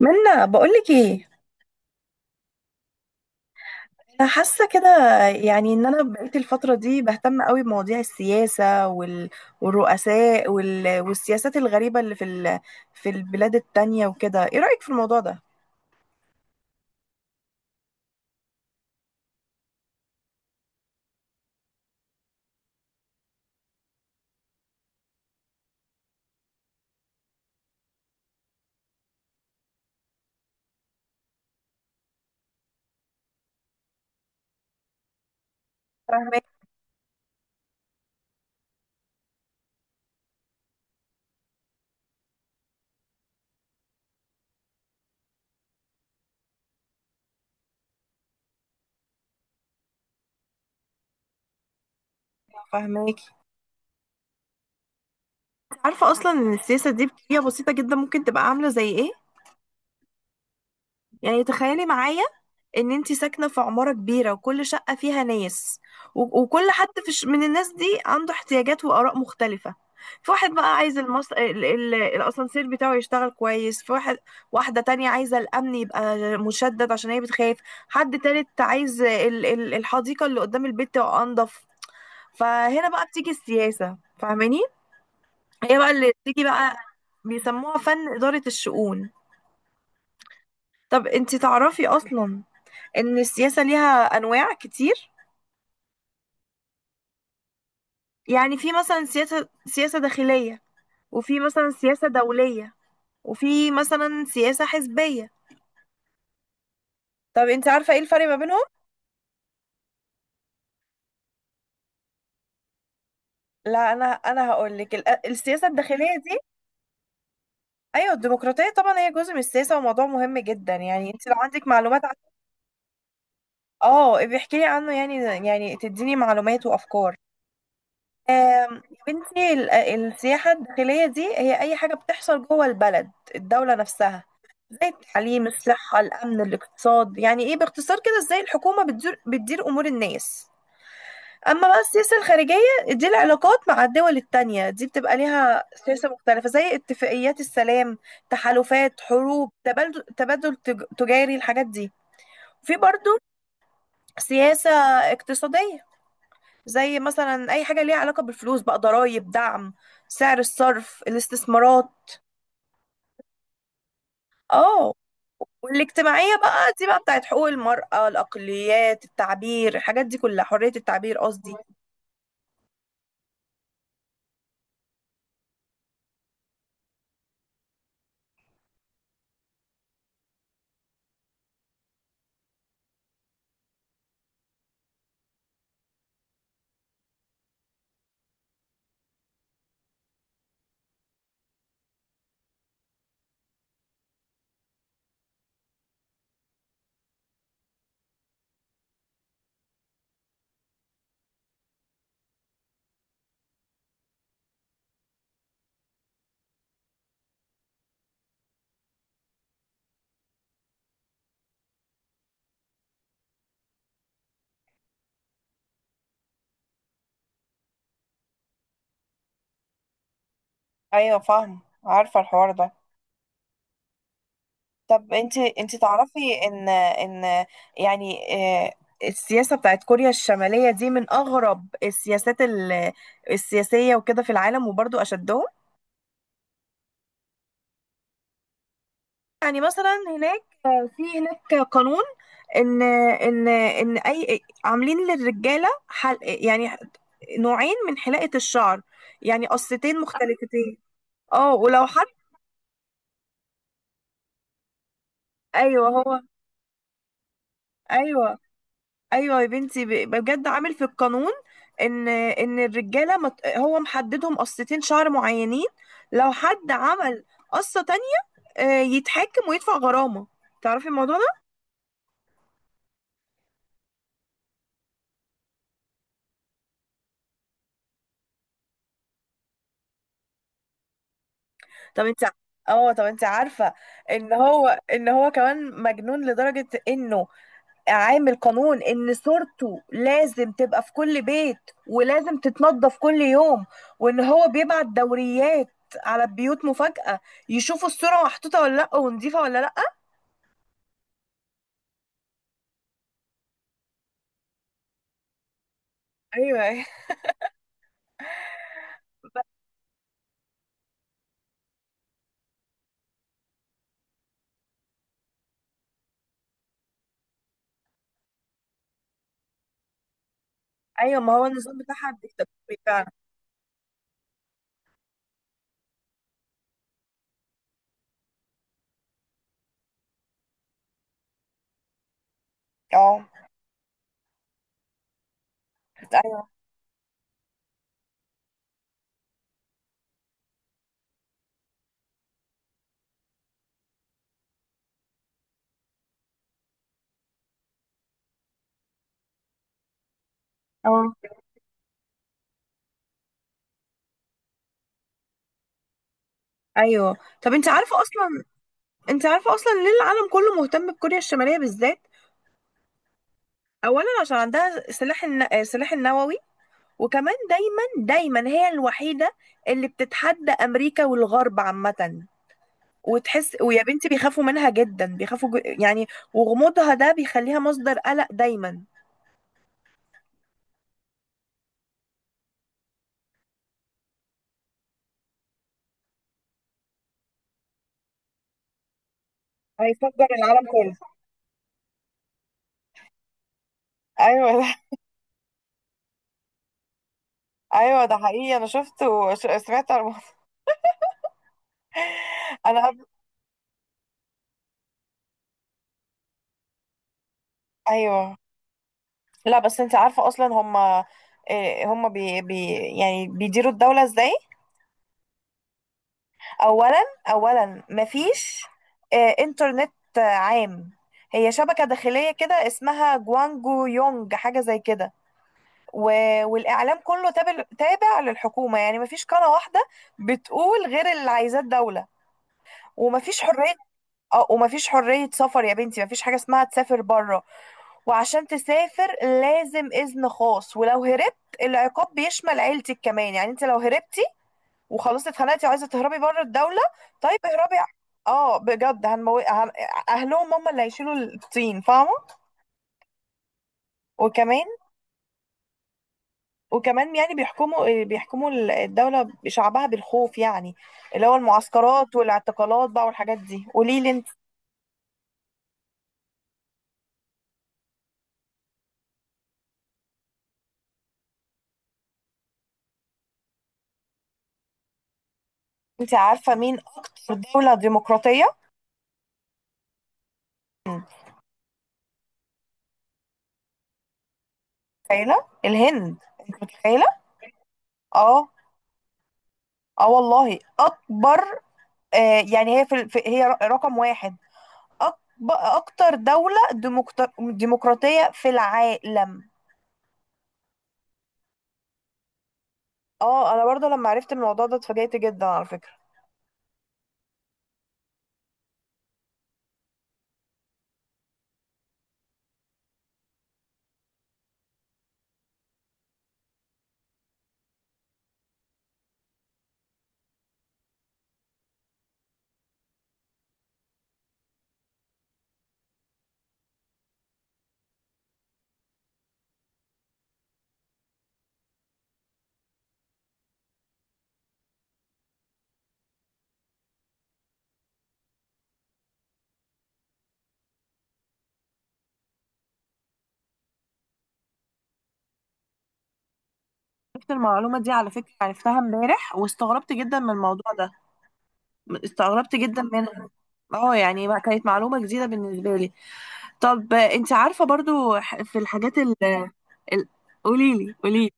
منا بقولك ايه. انا حاسه كده. يعني ان انا بقيت الفتره دي بهتم قوي بمواضيع السياسه والرؤساء والسياسات الغريبه اللي في في البلاد التانية وكده، ايه رايك في الموضوع ده؟ فاهماكي. فاهماكي. عارفه اصلا ان السياسه دي بطريقه بسيطه جدا ممكن تبقى عامله زي ايه؟ يعني تخيلي معايا ان انت ساكنه في عماره كبيره وكل شقه فيها ناس، وكل حد في من الناس دي عنده احتياجات واراء مختلفه. في واحد بقى عايز الاسانسير بتاعه يشتغل كويس، في واحد واحده تانية عايزه الامن يبقى مشدد عشان هي بتخاف، حد تالت عايز الحديقه اللي قدام البيت تبقى انضف. فهنا بقى بتيجي السياسه، فاهماني؟ هي بقى اللي بتيجي بقى بيسموها فن اداره الشؤون. طب انت تعرفي اصلا ان السياسه ليها انواع كتير؟ يعني في مثلا سياسة داخلية، وفي مثلا سياسة دولية، وفي مثلا سياسة حزبية. طب انت عارفة ايه الفرق ما بينهم؟ لا، انا هقول لك. السياسة الداخلية دي، ايوه الديمقراطية طبعا هي جزء من السياسة وموضوع مهم جدا، يعني انت لو عندك معلومات عن، اه بيحكي لي عنه يعني، يعني تديني معلومات وافكار. يا بنتي السياحة الداخلية دي هي اي حاجة بتحصل جوه البلد الدولة نفسها، زي التعليم الصحة الأمن الاقتصاد، يعني إيه باختصار كده إزاي الحكومة بتدير أمور الناس. أما بقى السياسة الخارجية، دي العلاقات مع الدول التانية، دي بتبقى ليها سياسة مختلفة زي اتفاقيات السلام، تحالفات، حروب، تجاري، الحاجات دي. في برضو سياسة اقتصادية، زي مثلا أي حاجة ليها علاقة بالفلوس بقى، ضرائب، دعم، سعر الصرف، الاستثمارات. اه والاجتماعية بقى دي بقى بتاعت حقوق المرأة، الأقليات، التعبير، الحاجات دي كلها، حرية التعبير قصدي. ايوه فاهم، عارفه الحوار ده. طب انت تعرفي ان يعني آه، السياسه بتاعت كوريا الشماليه دي من اغرب السياسات السياسيه وكده في العالم، وبرضو اشدهم. يعني مثلا هناك في هناك قانون ان اي عاملين للرجاله حل، يعني نوعين من حلاقه الشعر، يعني قصتين مختلفتين. اه ولو حد ايوه هو. ايوه، ايوه يا بنتي بجد عامل في القانون ان الرجاله هو محددهم قصتين شعر معينين. لو حد عمل قصه تانية، يتحاكم ويدفع غرامه، تعرفي الموضوع؟ طب انت، اه طب انت عارفة ان هو، ان هو كمان مجنون لدرجة انه عامل قانون ان صورته لازم تبقى في كل بيت ولازم تتنضف كل يوم، وان هو بيبعت دوريات على البيوت مفاجأة يشوفوا الصورة محطوطة ولا لأ ونضيفة ولا لأ. ايوه. ايوه ما هو النظام بتاعها ديكتاتوري فعلا. اه. ايوه. اه. ايوه. طب انت عارفة اصلا، انت عارفة اصلا ليه العالم كله مهتم بكوريا الشمالية بالذات؟ اولا عشان عندها سلاح النووي، وكمان دايما هي الوحيده اللي بتتحدى امريكا والغرب عامه، وتحس ويا بنتي بيخافوا منها جدا، يعني وغموضها ده بيخليها مصدر قلق دايما. هيفجر العالم كله. ايوه ده. ايوه ده حقيقي، انا شفت وسمعت عن الموضوع. انا قبل، ايوه. لا بس انت عارفه اصلا هم، هم بي... بي يعني بيديروا الدوله ازاي؟ اولا، اولا مفيش انترنت عام، هي شبكه داخليه كده اسمها جوانجو يونج حاجه زي كده، و... والاعلام كله تابع للحكومه، يعني مفيش قناه واحده بتقول غير اللي عايزاه الدوله، ومفيش حريه. اه ومفيش حريه سفر، يا بنتي مفيش حاجه اسمها تسافر بره، وعشان تسافر لازم اذن خاص، ولو هربت العقاب بيشمل عيلتك كمان، يعني انت لو هربتي وخلاص اتخنقتي وعايزه تهربي بره الدوله، طيب اهربي، اه بجد اهلهم هم اللي هيشيلوا الطين، فاهمه؟ وكمان، وكمان يعني بيحكموا الدوله شعبها بالخوف، يعني اللي هو المعسكرات والاعتقالات بقى والحاجات دي. قولي لي انت. انت عارفه مين اكتر دوله ديمقراطيه؟ متخيله الهند؟ انت متخيله؟ اه، اه والله اكبر. آه يعني هي في هي رقم واحد، اكتر دولة ديمقراطية في العالم. اه انا برضو لما عرفت الموضوع ده اتفاجأت جدا على فكرة. عرفت المعلومة دي على فكرة، عرفتها امبارح واستغربت جدا من الموضوع ده، استغربت جدا منها. اه يعني ما كانت معلومة جديدة بالنسبة لي. طب انت عارفة برضو في الحاجات ال- قوليلي، قوليلي.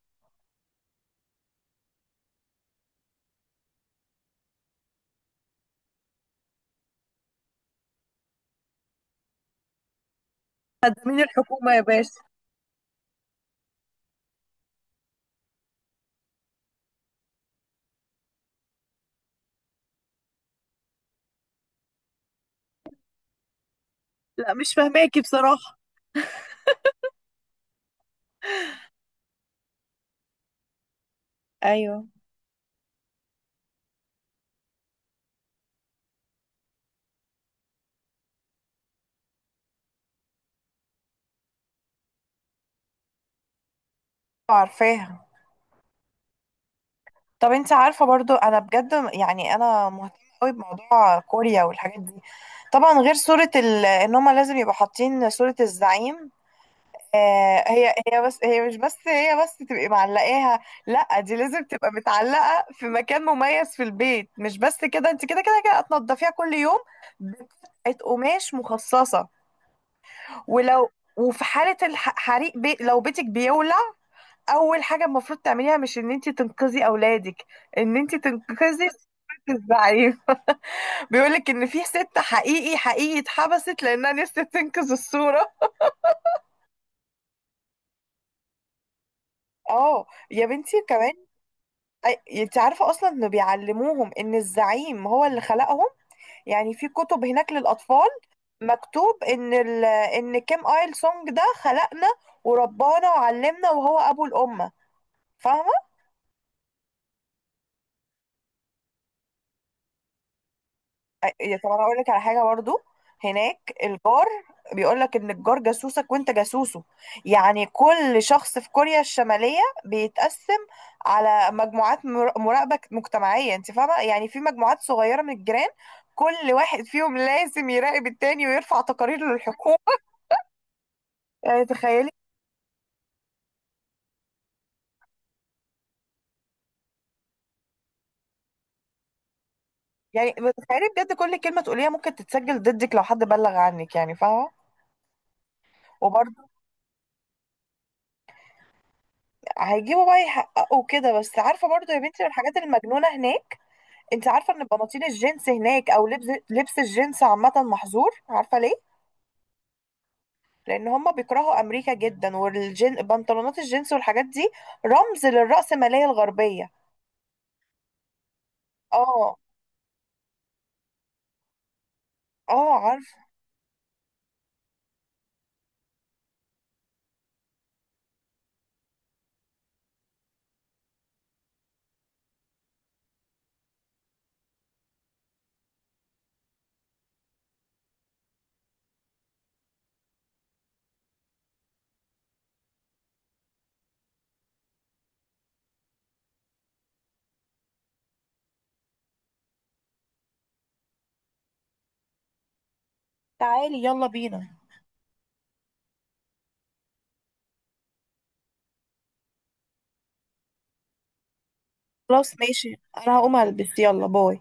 خدامين الحكومة يا باشا. لا مش فاهماكي بصراحة. ايوه. عارفاها. طب انت عارفة برضو، انا بجد يعني انا مهتمة قوي بموضوع كوريا والحاجات دي، طبعا غير ان هما لازم يبقوا حاطين صورة الزعيم. آه هي هي بس هي مش بس هي بس تبقي معلقاها، لا دي لازم تبقى متعلقة في مكان مميز في البيت، مش بس كده، انت كده هتنضفيها كل يوم بقطعة قماش مخصصة. ولو، وفي حالة لو بيتك بيولع، اول حاجه المفروض تعمليها مش ان انت تنقذي اولادك، ان انت تنقذي صورة الزعيم. بيقول لك ان في ست حقيقي اتحبست لانها نفسها تنقذ الصوره. اه يا بنتي كمان، انت عارفه اصلا انه بيعلموهم ان الزعيم هو اللي خلقهم، يعني في كتب هناك للاطفال مكتوب ان كيم ايل سونج ده خلقنا وربانا وعلمنا وهو ابو الامه، فاهمه؟ أي- طب انا اقول لك على حاجه برضو، هناك الجار بيقول لك ان الجار جاسوسك وانت جاسوسه، يعني كل شخص في كوريا الشماليه بيتقسم على مجموعات مراقبه مجتمعيه، انت فاهمه، يعني في مجموعات صغيره من الجيران كل واحد فيهم لازم يراقب التاني ويرفع تقارير للحكومه. يعني تخيلي. يعني تخيلي بجد كل كلمه تقوليها ممكن تتسجل ضدك لو حد بلغ عنك، يعني فاهمه. وبرضه هيجيبوا بقى يحققوا كده. بس عارفه برضه يا بنتي من الحاجات المجنونه هناك، انت عارفه ان بناطيل الجينز هناك او لبس الجينز عامه محظور؟ عارفه ليه؟ لان هم بيكرهوا امريكا جدا، والجين بنطلونات الجينز والحاجات دي رمز للرأسمالية الغربيه. اه. اه عارفه. تعالي يلا بينا. خلاص ماشي، انا هقوم البس، يلا باي.